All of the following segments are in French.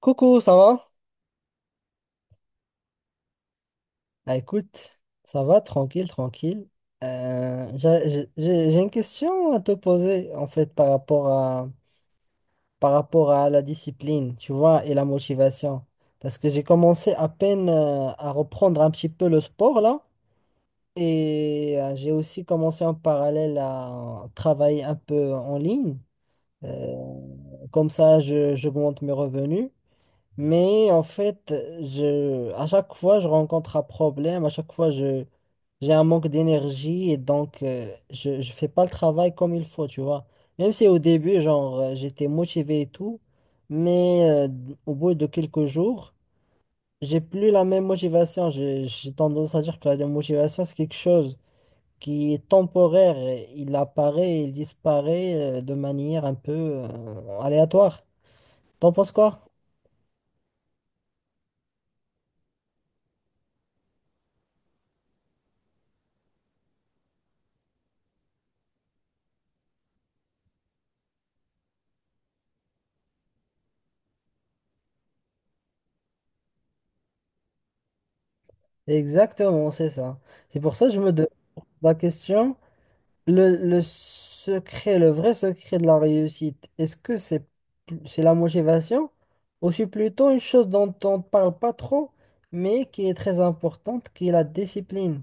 Coucou, ça va? Ah, écoute, ça va, tranquille, tranquille. J'ai une question à te poser, en fait, par rapport à la discipline, tu vois, et la motivation. Parce que j'ai commencé à peine à reprendre un petit peu le sport, là. Et j'ai aussi commencé en parallèle à travailler un peu en ligne. Comme ça, j'augmente mes revenus. Mais en fait, à chaque fois, je rencontre un problème, à chaque fois, j'ai un manque d'énergie et donc je fais pas le travail comme il faut, tu vois. Même si au début, genre, j'étais motivé et tout, mais au bout de quelques jours, j'ai plus la même motivation. J'ai tendance à dire que la motivation, c'est quelque chose qui est temporaire. Il apparaît et il disparaît de manière un peu aléatoire. T'en penses quoi? Exactement, c'est ça. C'est pour ça que je me demande la question, le secret, le vrai secret de la réussite, est-ce que c'est la motivation ou c'est plutôt une chose dont on ne parle pas trop, mais qui est très importante, qui est la discipline?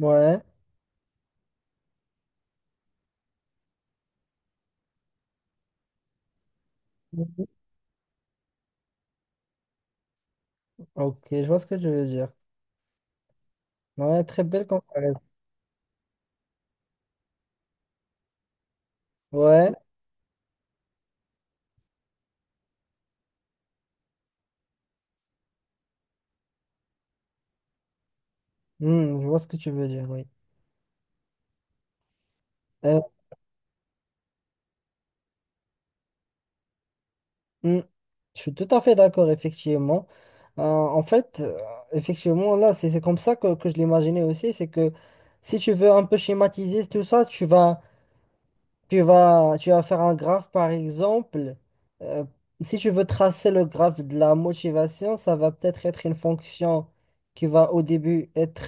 Ouais. Mhm. Ok, je vois ce que tu veux dire. Ouais, très belle comparaison. Ouais. Hmm, je vois ce que tu veux dire, oui. Mm. Je suis tout à fait d'accord, effectivement. En fait, effectivement, là, c'est comme ça que je l'imaginais aussi, c'est que si tu veux un peu schématiser tout ça, tu vas faire un graphe, par exemple. Euh, Si tu veux tracer le graphe de la motivation, ça va peut-être être une fonction qui va au début être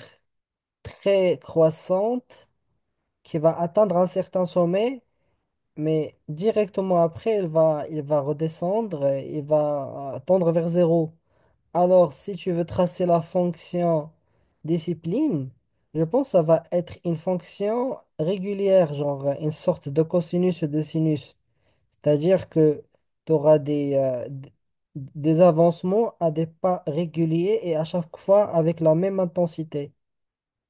très croissante, qui va atteindre un certain sommet mais directement après, il va redescendre, il va tendre vers zéro. Alors, si tu veux tracer la fonction discipline, je pense que ça va être une fonction régulière, genre une sorte de cosinus ou de sinus. C'est-à-dire que tu auras des, des avancements à des pas réguliers et à chaque fois avec la même intensité.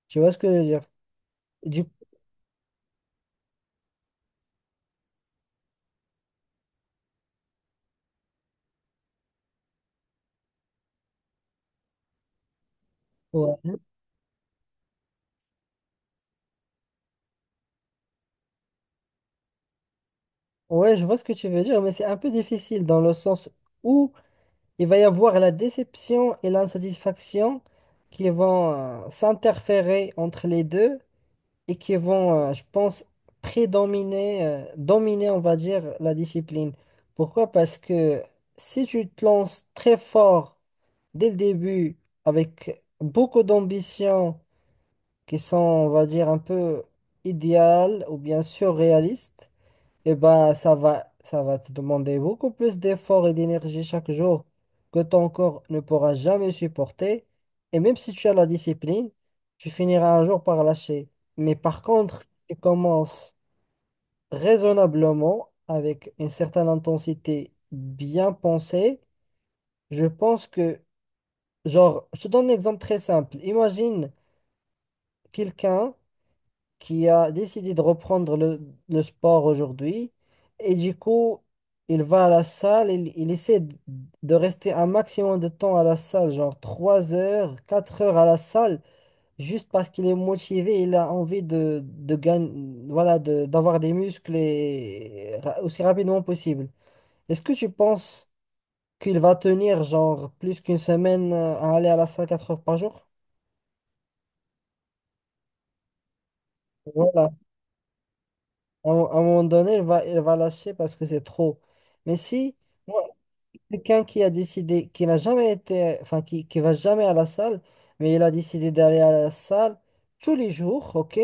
Tu vois ce que je veux dire? Du Ouais. Ouais, je vois ce que tu veux dire, mais c'est un peu difficile dans le sens où il va y avoir la déception et l'insatisfaction qui vont s'interférer entre les deux et qui vont, je pense, prédominer, dominer, on va dire, la discipline. Pourquoi? Parce que si tu te lances très fort dès le début avec beaucoup d'ambitions qui sont, on va dire, un peu idéales ou bien surréalistes, eh ben, ça va te demander beaucoup plus d'efforts et d'énergie chaque jour que ton corps ne pourra jamais supporter. Et même si tu as la discipline, tu finiras un jour par lâcher. Mais par contre, si tu commences raisonnablement, avec une certaine intensité bien pensée, je pense que, genre, je te donne un exemple très simple. Imagine quelqu'un qui a décidé de reprendre le sport aujourd'hui. Et du coup, il va à la salle, il essaie de rester un maximum de temps à la salle, genre 3 heures, 4 heures à la salle, juste parce qu'il est motivé, il a envie de gagner, voilà, d'avoir des muscles et, aussi rapidement possible. Est-ce que tu penses qu'il va tenir genre plus qu'une semaine à aller à la salle 4 heures par jour? Voilà. À un moment donné, elle va lâcher parce que c'est trop. Mais si moi, quelqu'un qui a décidé, qui n'a jamais été, enfin, qui va jamais à la salle, mais il a décidé d'aller à la salle tous les jours, ok?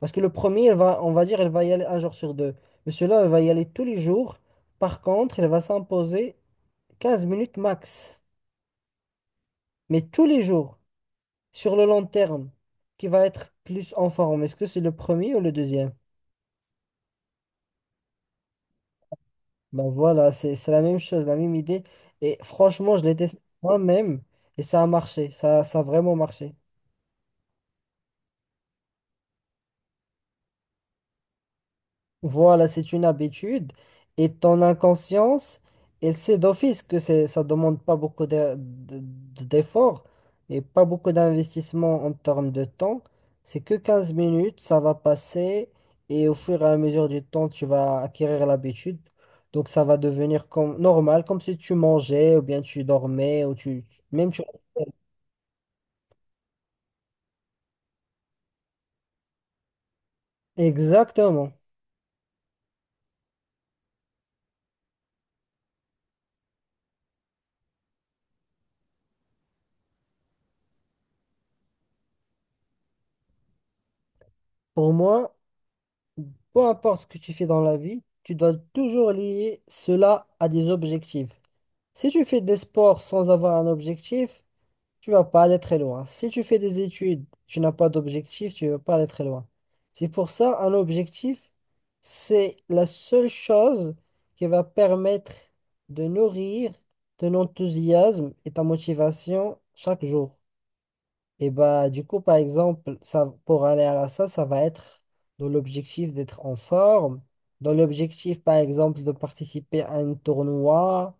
Parce que le premier, elle va, on va dire, elle va y aller un jour sur deux. Mais celui-là, elle va y aller tous les jours. Par contre, elle va s'imposer 15 minutes max. Mais tous les jours, sur le long terme, qui va être plus en forme. Est-ce que c'est le premier ou le deuxième? Ben voilà, c'est la même chose, la même idée. Et franchement, je l'ai testé moi-même et ça a marché, ça a vraiment marché. Voilà, c'est une habitude et ton inconscience, elle sait d'office que c'est, ça demande pas beaucoup d'efforts et pas beaucoup d'investissement en termes de temps. C'est que 15 minutes, ça va passer et au fur et à mesure du temps, tu vas acquérir l'habitude. Donc ça va devenir comme normal, comme si tu mangeais ou bien tu dormais ou tu même tu Exactement. Pour moi, peu importe ce que tu fais dans la vie, tu dois toujours lier cela à des objectifs. Si tu fais des sports sans avoir un objectif, tu vas pas aller très loin. Si tu fais des études, tu n'as pas d'objectif, tu vas pas aller très loin. C'est pour ça, un objectif, c'est la seule chose qui va permettre de nourrir ton enthousiasme et ta motivation chaque jour. Et bah, du coup, par exemple, ça, pour aller à ça, ça va être dans l'objectif d'être en forme, dans l'objectif, par exemple, de participer à un tournoi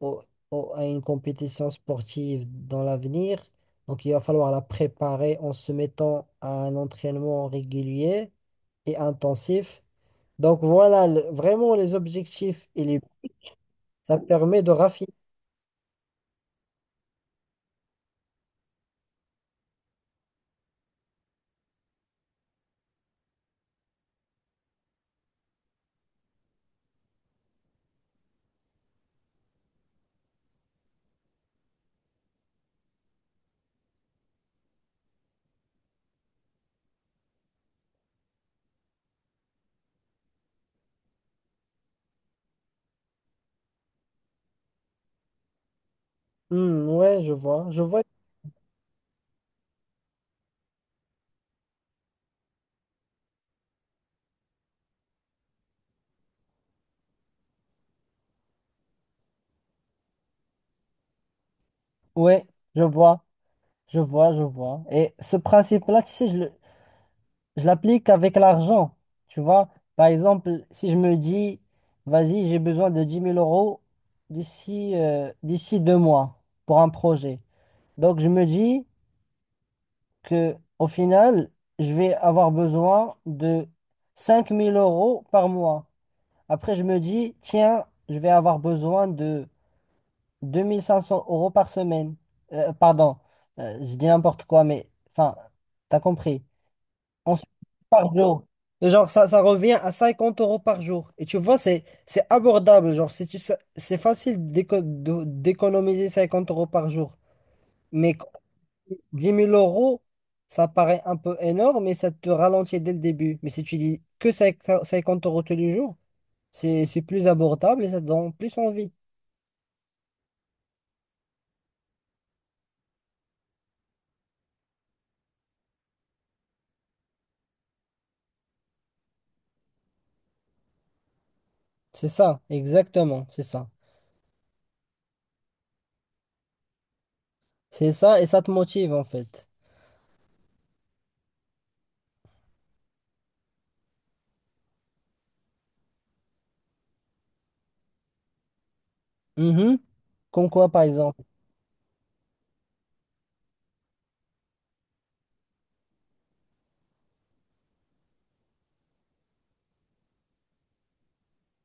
ou, ou à une compétition sportive dans l'avenir. Donc, il va falloir la préparer en se mettant à un entraînement régulier et intensif. Donc, voilà vraiment les objectifs et les, ça permet de raffiner. Hmm, ouais, je vois. Ouais, je vois. Je vois. Et ce principe-là, tu sais, je l'applique avec l'argent. Tu vois, par exemple, si je me dis, vas-y, j'ai besoin de 10 000 € d'ici d'ici 2 mois pour un projet. Donc, je me dis que au final, je vais avoir besoin de 5 000 € par mois. Après, je me dis, tiens, je vais avoir besoin de 2 500 € par semaine. Pardon, je dis n'importe quoi, mais enfin, t'as compris. Ensuite, par jour. Et genre, ça revient à 50 € par jour. Et tu vois, c'est abordable. Genre, c'est, tu sais, c'est facile d'économiser 50 € par jour. Mais quand 10 000 euros, ça paraît un peu énorme, mais ça te ralentit dès le début. Mais si tu dis que 50 € tous les jours, c'est plus abordable et ça te donne plus envie. C'est ça, exactement, c'est ça. C'est ça et ça te motive en fait. Mhm. Comme quoi, par exemple?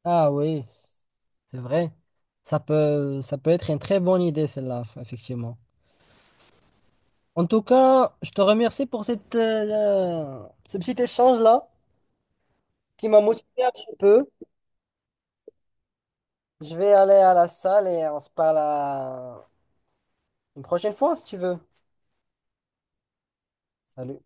Ah oui, c'est vrai. Ça peut être une très bonne idée, celle-là, effectivement. En tout cas, je te remercie pour cette, ce petit échange-là qui m'a motivé un petit peu. Je vais aller à la salle et on se parle à une prochaine fois, si tu veux. Salut.